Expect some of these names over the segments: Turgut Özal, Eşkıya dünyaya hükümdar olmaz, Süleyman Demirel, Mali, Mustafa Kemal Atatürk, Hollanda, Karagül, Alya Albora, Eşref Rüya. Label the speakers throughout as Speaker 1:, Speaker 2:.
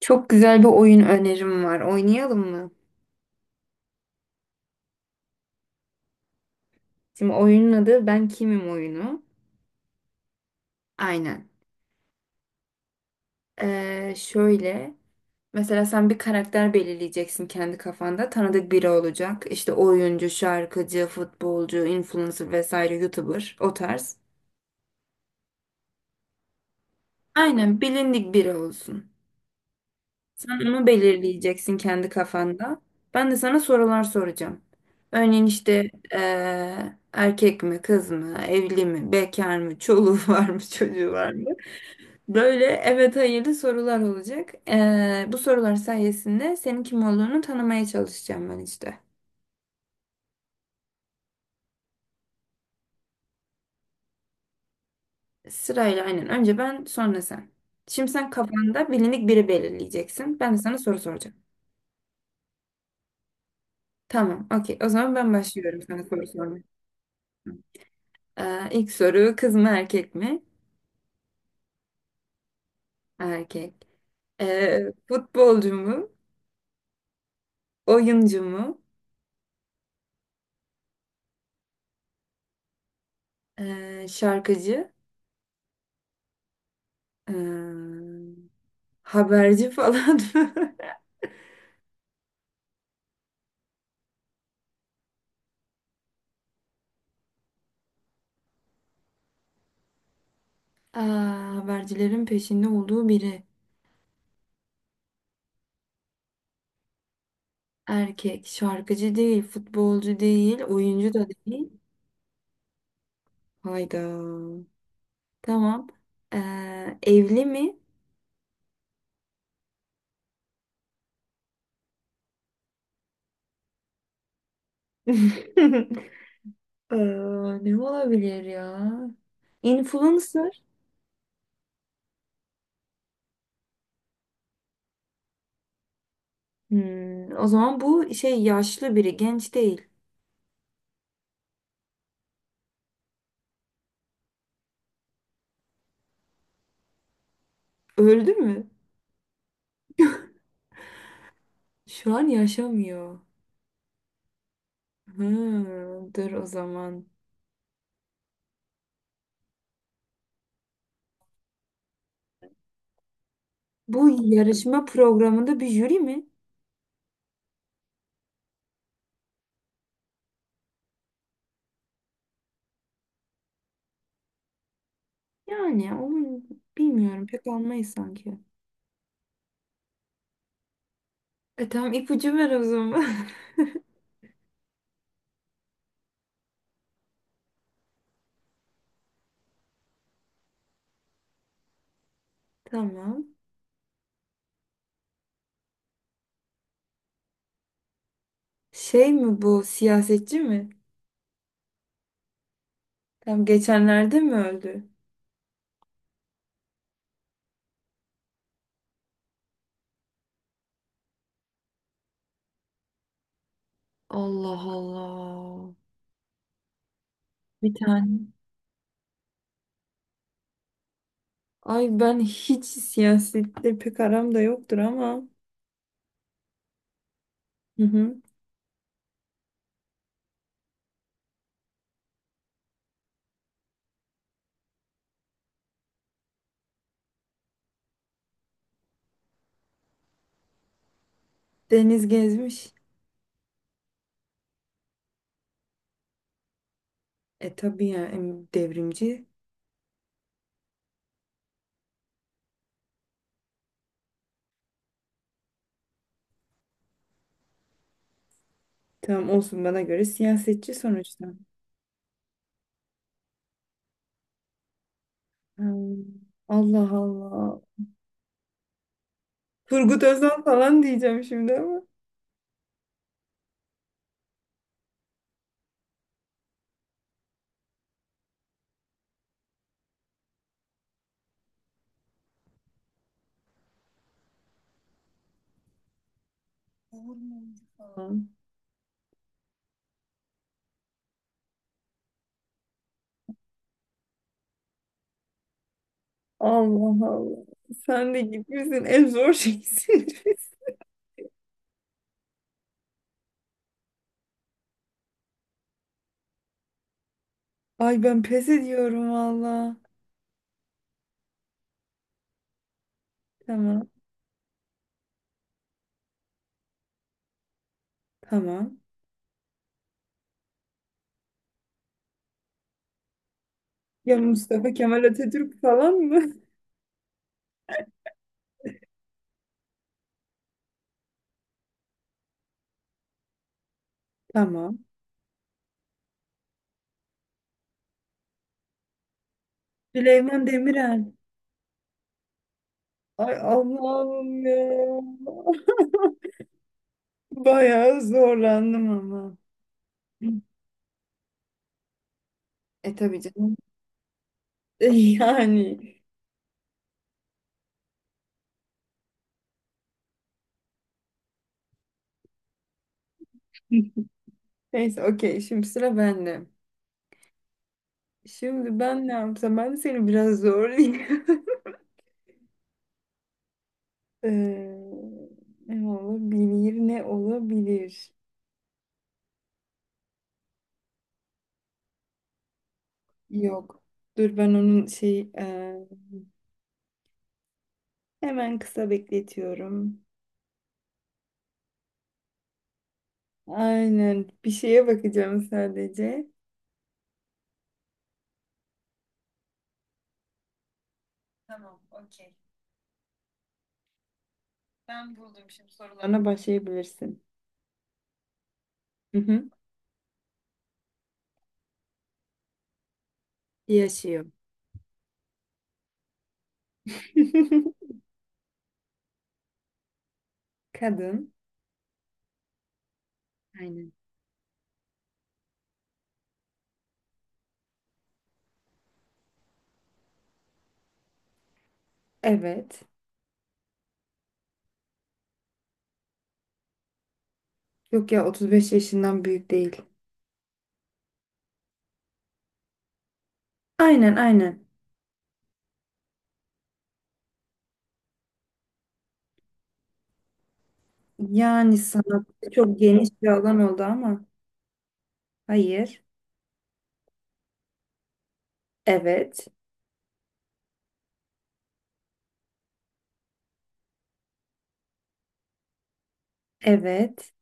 Speaker 1: Çok güzel bir oyun önerim var. Oynayalım mı? Şimdi oyunun adı Ben Kimim oyunu. Aynen. Şöyle. Mesela sen bir karakter belirleyeceksin kendi kafanda. Tanıdık biri olacak. İşte oyuncu, şarkıcı, futbolcu, influencer vesaire, YouTuber o tarz. Aynen, bilindik biri olsun. Sen onu belirleyeceksin kendi kafanda. Ben de sana sorular soracağım. Örneğin işte erkek mi, kız mı, evli mi, bekar mı, çoluğu var mı, çocuğu var mı? Böyle evet hayırlı sorular olacak. Bu sorular sayesinde senin kim olduğunu tanımaya çalışacağım ben işte. Sırayla, aynen. Önce ben sonra sen. Şimdi sen kafanda bilindik biri belirleyeceksin. Ben de sana soru soracağım. Tamam, okey. O zaman ben başlıyorum sana soru sormaya. İlk soru, kız mı erkek mi? Erkek. Futbolcu mu? Oyuncu mu? Şarkıcı? Ee, Haberci falan mı? Aa, vergilerin peşinde olduğu biri. Erkek, şarkıcı değil, futbolcu değil, oyuncu da değil. Hayda. Tamam. Evli mi? Ee, Ne olabilir ya? Influencer. Hmm, o zaman bu şey, yaşlı biri, genç değil. Öldü mü? Şu an yaşamıyor. Hmm, dur o zaman. Bu yarışma programında bir jüri mi? Yani onu bilmiyorum. Pek almayız sanki. E tamam, ipucu ver o zaman. Tamam. Şey mi bu, siyasetçi mi? Tam geçenlerde mi öldü? Allah Allah. Bir tane. Ay ben hiç siyasetle pek aram da yoktur ama. Hı hı. Deniz gezmiş. E tabii ya, devrimci. Tamam olsun, bana göre siyasetçi sonuçta. Hmm, Allah Allah. Turgut Özal falan diyeceğim şimdi ama. Olur mu? Allah Allah. Sen de gitmişsin. En zor şeysin. Ay ben pes ediyorum valla. Tamam. Tamam. Ya Mustafa Kemal Atatürk falan mı? Tamam. Süleyman Demirel. Ay Allah'ım ya. Bayağı zorlandım ama. E tabii canım. Yani. Neyse, okey. Şimdi sıra bende. Şimdi ben ne yapsam? Ben de seni biraz zorlayayım. Ee, Ne olabilir? Ne olabilir? Yok. Dur ben onun hemen kısa bekletiyorum. Aynen. Bir şeye bakacağım sadece. Tamam, okey. Ben buldum, şimdi sorularına başlayabilirsin. Hı hı. Yaşıyor. Kadın. Aynen. Evet. Yok ya, 35 yaşından büyük değil. Aynen aynen. Yani sanat çok geniş bir alan oldu ama. Hayır. Evet. Evet.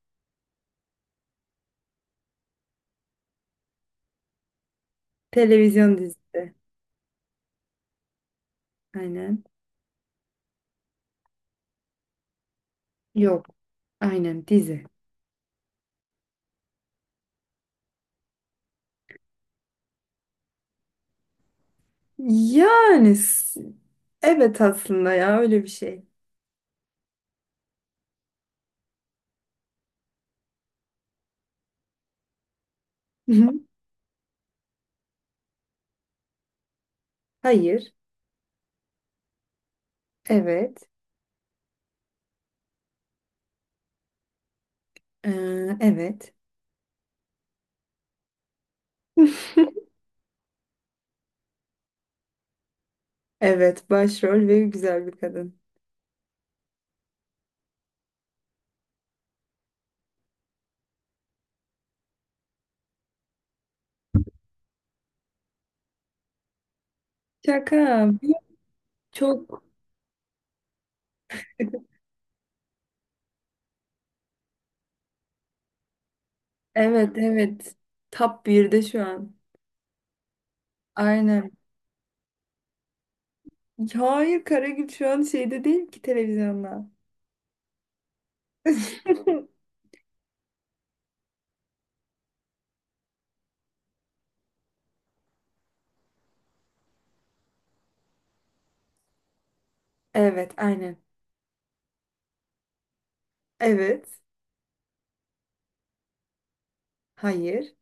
Speaker 1: Televizyon dizisi. Aynen. Yok. Aynen, dizi. Yani s- evet aslında ya, öyle bir şey. Hı hı. Hayır. Evet. Evet. Evet, başrol ve güzel bir kadın. Şaka. Çok. Evet evet. Top birde şu an. Aynen. Hayır, Karagül şu an şeyde değil ki, televizyonda. Evet aynen. Evet. Hayır.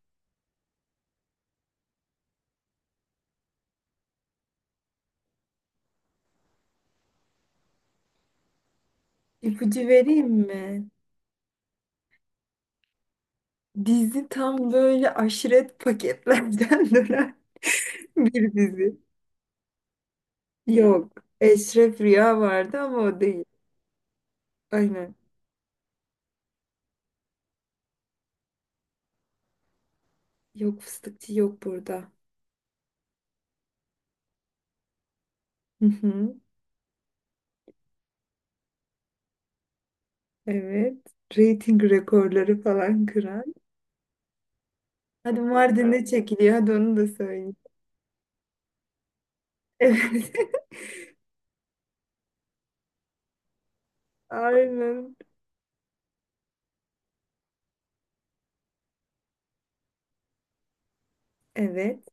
Speaker 1: İpucu vereyim mi? Dizi tam böyle aşiret paketlerden dönen bir dizi. Yok. Eşref Rüya vardı ama o değil. Aynen. Yok, fıstıkçı yok burada. Hı hı. Evet. Rating rekorları falan kıran. Hadi Mardin'de çekiliyor. Hadi onu da söyleyeyim. Evet. Aynen. Evet.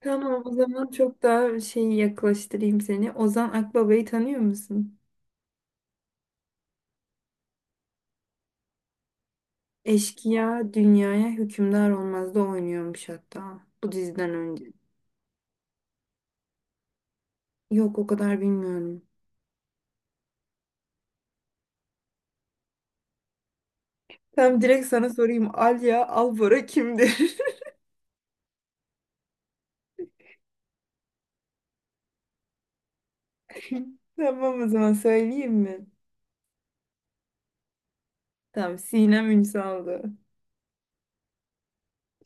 Speaker 1: Tamam, o zaman çok daha şeyi yaklaştırayım seni. Ozan Akbaba'yı tanıyor musun? Eşkıya dünyaya hükümdar olmazda oynuyormuş hatta bu diziden önce. Yok, o kadar bilmiyorum. Tam direkt sana sorayım. Alya Albora kimdir? Tamam, o zaman söyleyeyim mi? Tamam, Sinem Ünsal'dı.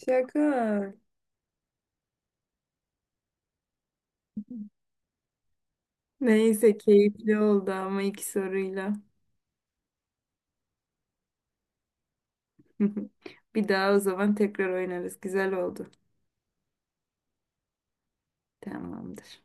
Speaker 1: Şaka. Neyse, keyifli oldu ama iki soruyla. Bir daha o zaman tekrar oynarız. Güzel oldu. Tamamdır.